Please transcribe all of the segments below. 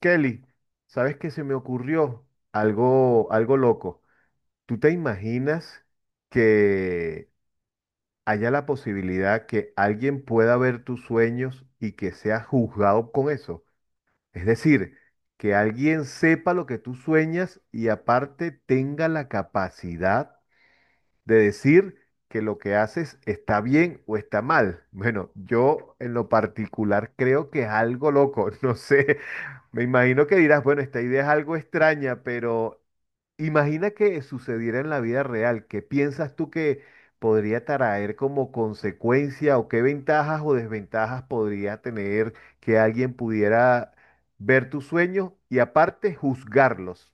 Kelly, ¿sabes qué se me ocurrió? Algo, algo loco. ¿Tú te imaginas que haya la posibilidad que alguien pueda ver tus sueños y que sea juzgado con eso? Es decir, que alguien sepa lo que tú sueñas y aparte tenga la capacidad de decir que lo que haces está bien o está mal. Bueno, yo en lo particular creo que es algo loco, no sé, me imagino que dirás, bueno, esta idea es algo extraña, pero imagina que sucediera en la vida real, ¿qué piensas tú que podría traer como consecuencia o qué ventajas o desventajas podría tener que alguien pudiera ver tus sueños y aparte juzgarlos?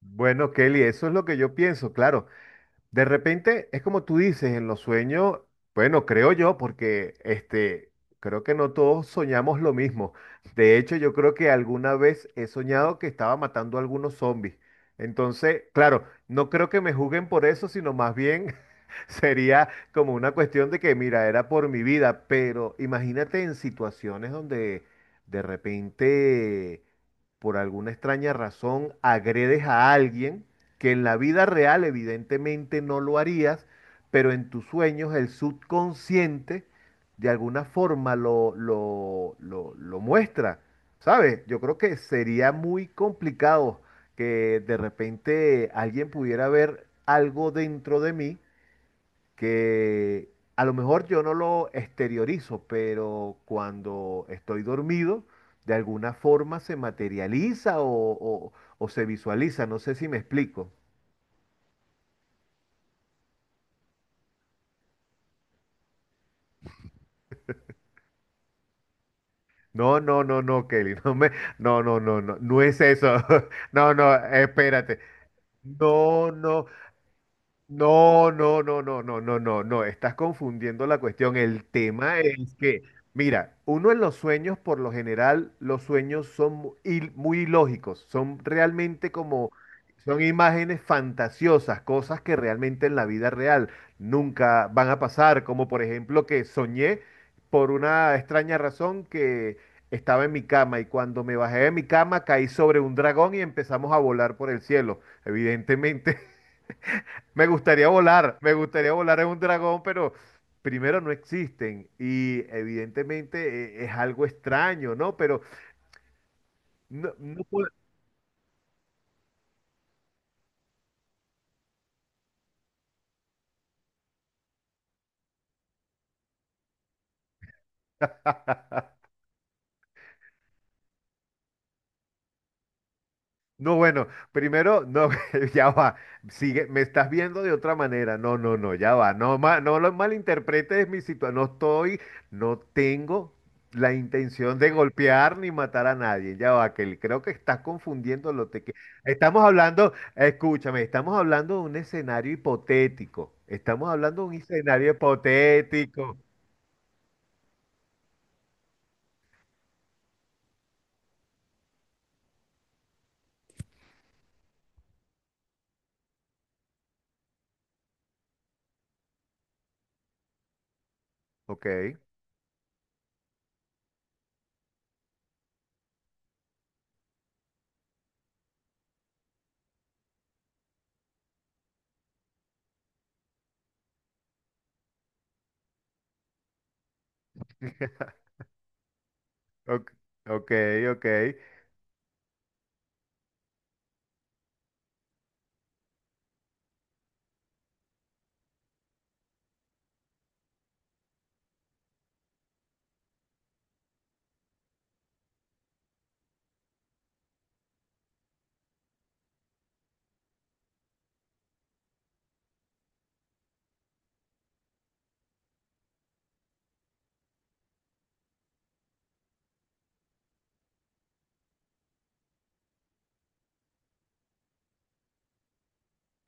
Bueno, Kelly, eso es lo que yo pienso, claro. De repente, es como tú dices, en los sueños, bueno, creo yo, porque este, creo que no todos soñamos lo mismo. De hecho, yo creo que alguna vez he soñado que estaba matando a algunos zombies. Entonces, claro, no creo que me juzguen por eso, sino más bien sería como una cuestión de que, mira, era por mi vida, pero imagínate en situaciones donde de repente, por alguna extraña razón, agredes a alguien que en la vida real evidentemente no lo harías, pero en tus sueños el subconsciente de alguna forma lo muestra. ¿Sabes? Yo creo que sería muy complicado que de repente alguien pudiera ver algo dentro de mí que a lo mejor yo no lo exteriorizo, pero cuando estoy dormido, de alguna forma se materializa o o se visualiza. No sé si me explico. No, no, no, no, Kelly, no me, no, no, no, no, no es eso. No, no, espérate. No, no. No, no, no, no, no, no, no, no, estás confundiendo la cuestión. El tema es que, mira, uno en los sueños, por lo general, los sueños son muy ilógicos, son realmente como, son imágenes fantasiosas, cosas que realmente en la vida real nunca van a pasar, como por ejemplo que soñé por una extraña razón que estaba en mi cama y cuando me bajé de mi cama caí sobre un dragón y empezamos a volar por el cielo. Evidentemente. Me gustaría volar en un dragón, pero primero no existen y evidentemente es algo extraño, ¿no? Pero no, No, bueno, primero, no, ya va, sigue, me estás viendo de otra manera, no, no, no, ya va, no, no lo malinterpretes mi situación, no estoy, no tengo la intención de golpear ni matar a nadie, ya va, que creo que estás confundiendo lo te que... Estamos hablando, escúchame, estamos hablando de un escenario hipotético, estamos hablando de un escenario hipotético, ok, ok, ok, ok.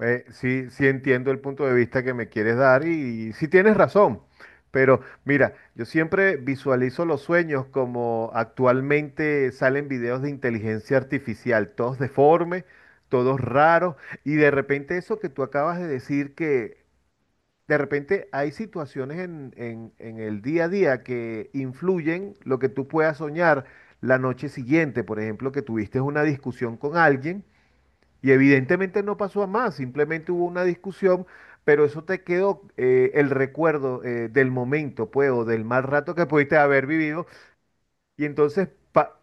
Sí, sí entiendo el punto de vista que me quieres dar y sí tienes razón, pero mira, yo siempre visualizo los sueños como actualmente salen videos de inteligencia artificial, todos deformes, todos raros, y de repente eso que tú acabas de decir que de repente hay situaciones en, en el día a día que influyen lo que tú puedas soñar la noche siguiente, por ejemplo, que tuviste una discusión con alguien. Y evidentemente no pasó a más, simplemente hubo una discusión, pero eso te quedó el recuerdo del momento, pues, o del mal rato que pudiste haber vivido. Y entonces,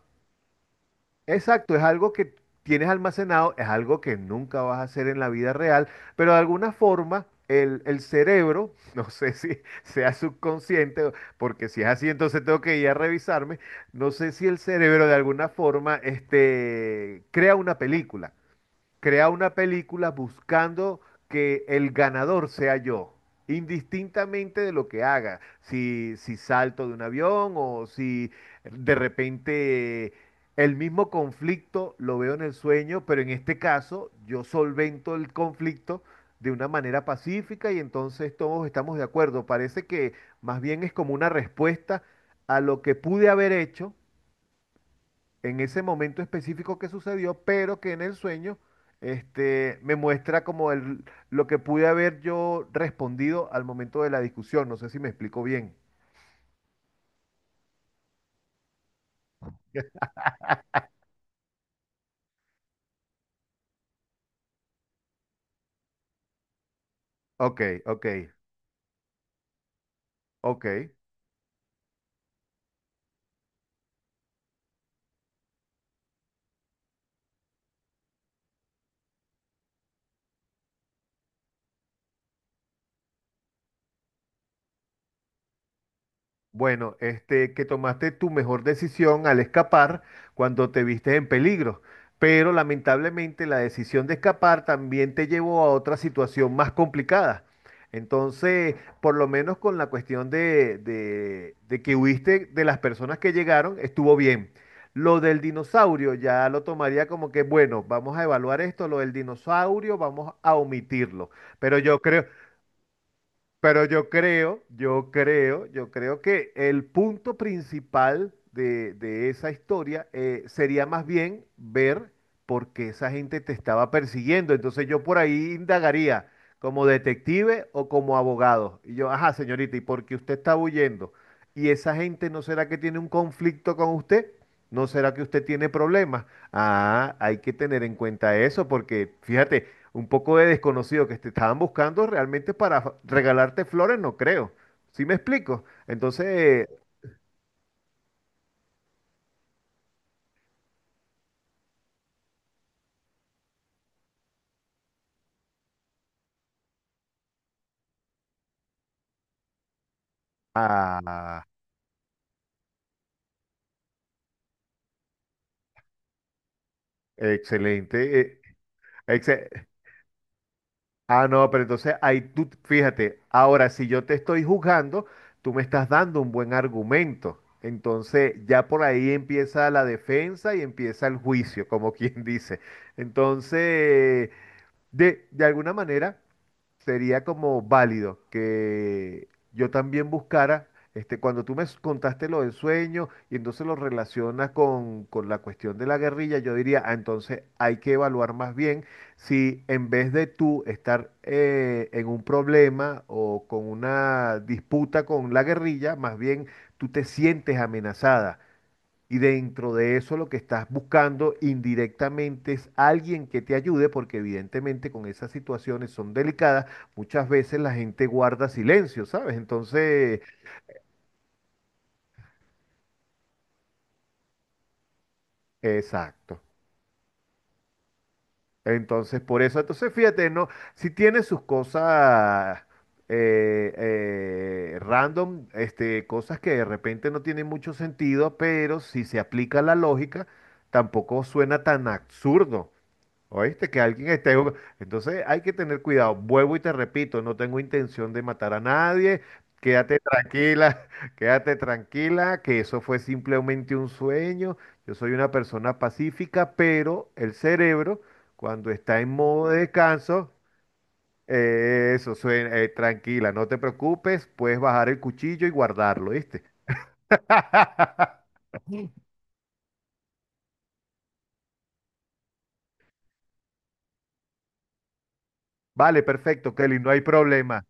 exacto, es algo que tienes almacenado, es algo que nunca vas a hacer en la vida real, pero de alguna forma el cerebro, no sé si sea subconsciente, o- porque si es así, entonces tengo que ir a revisarme, no sé si el cerebro de alguna forma este, crea una película. Crea una película buscando que el ganador sea yo, indistintamente de lo que haga, si, si salto de un avión o si de repente el mismo conflicto lo veo en el sueño, pero en este caso yo solvento el conflicto de una manera pacífica y entonces todos estamos de acuerdo. Parece que más bien es como una respuesta a lo que pude haber hecho en ese momento específico que sucedió, pero que en el sueño este, me muestra como el, lo que pude haber yo respondido al momento de la discusión. No sé si me explico bien. Ok, ok, ok. Bueno, este, que tomaste tu mejor decisión al escapar cuando te viste en peligro, pero lamentablemente la decisión de escapar también te llevó a otra situación más complicada. Entonces, por lo menos con la cuestión de, de que huiste de las personas que llegaron, estuvo bien. Lo del dinosaurio ya lo tomaría como que, bueno, vamos a evaluar esto, lo del dinosaurio vamos a omitirlo. Pero yo creo, pero yo creo, yo creo, yo creo que el punto principal de esa historia sería más bien ver por qué esa gente te estaba persiguiendo. Entonces yo por ahí indagaría como detective o como abogado. Y yo, ajá, señorita, ¿y por qué usted está huyendo? ¿Y esa gente no será que tiene un conflicto con usted? ¿No será que usted tiene problemas? Ah, hay que tener en cuenta eso porque, fíjate, un poco de desconocido que te estaban buscando realmente para regalarte flores, no creo. ¿Sí me explico? Entonces, ah, excelente. Exce- ah, no, pero entonces ahí tú, fíjate, ahora si yo te estoy juzgando, tú me estás dando un buen argumento. Entonces, ya por ahí empieza la defensa y empieza el juicio, como quien dice. Entonces, de alguna manera sería como válido que yo también buscara, este, cuando tú me contaste lo del sueño y entonces lo relacionas con la cuestión de la guerrilla, yo diría, ah, entonces hay que evaluar más bien si en vez de tú estar en un problema o con una disputa con la guerrilla, más bien tú te sientes amenazada. Y dentro de eso lo que estás buscando indirectamente es alguien que te ayude, porque evidentemente con esas situaciones son delicadas, muchas veces la gente guarda silencio, ¿sabes? Entonces, exacto. Entonces, por eso, entonces fíjate, no, si tiene sus cosas random, este, cosas que de repente no tienen mucho sentido, pero si se aplica la lógica, tampoco suena tan absurdo. Oíste que alguien esté jugando. Entonces hay que tener cuidado. Vuelvo y te repito, no tengo intención de matar a nadie. Quédate tranquila, quédate tranquila, que eso fue simplemente un sueño. Yo soy una persona pacífica, pero el cerebro, cuando está en modo de descanso, eso suena, tranquila, no te preocupes, puedes bajar el cuchillo y guardarlo, ¿viste? Vale, perfecto, Kelly, no hay problema.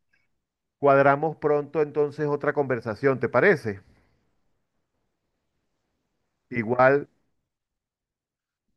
Cuadramos pronto entonces otra conversación, ¿te parece? Igual.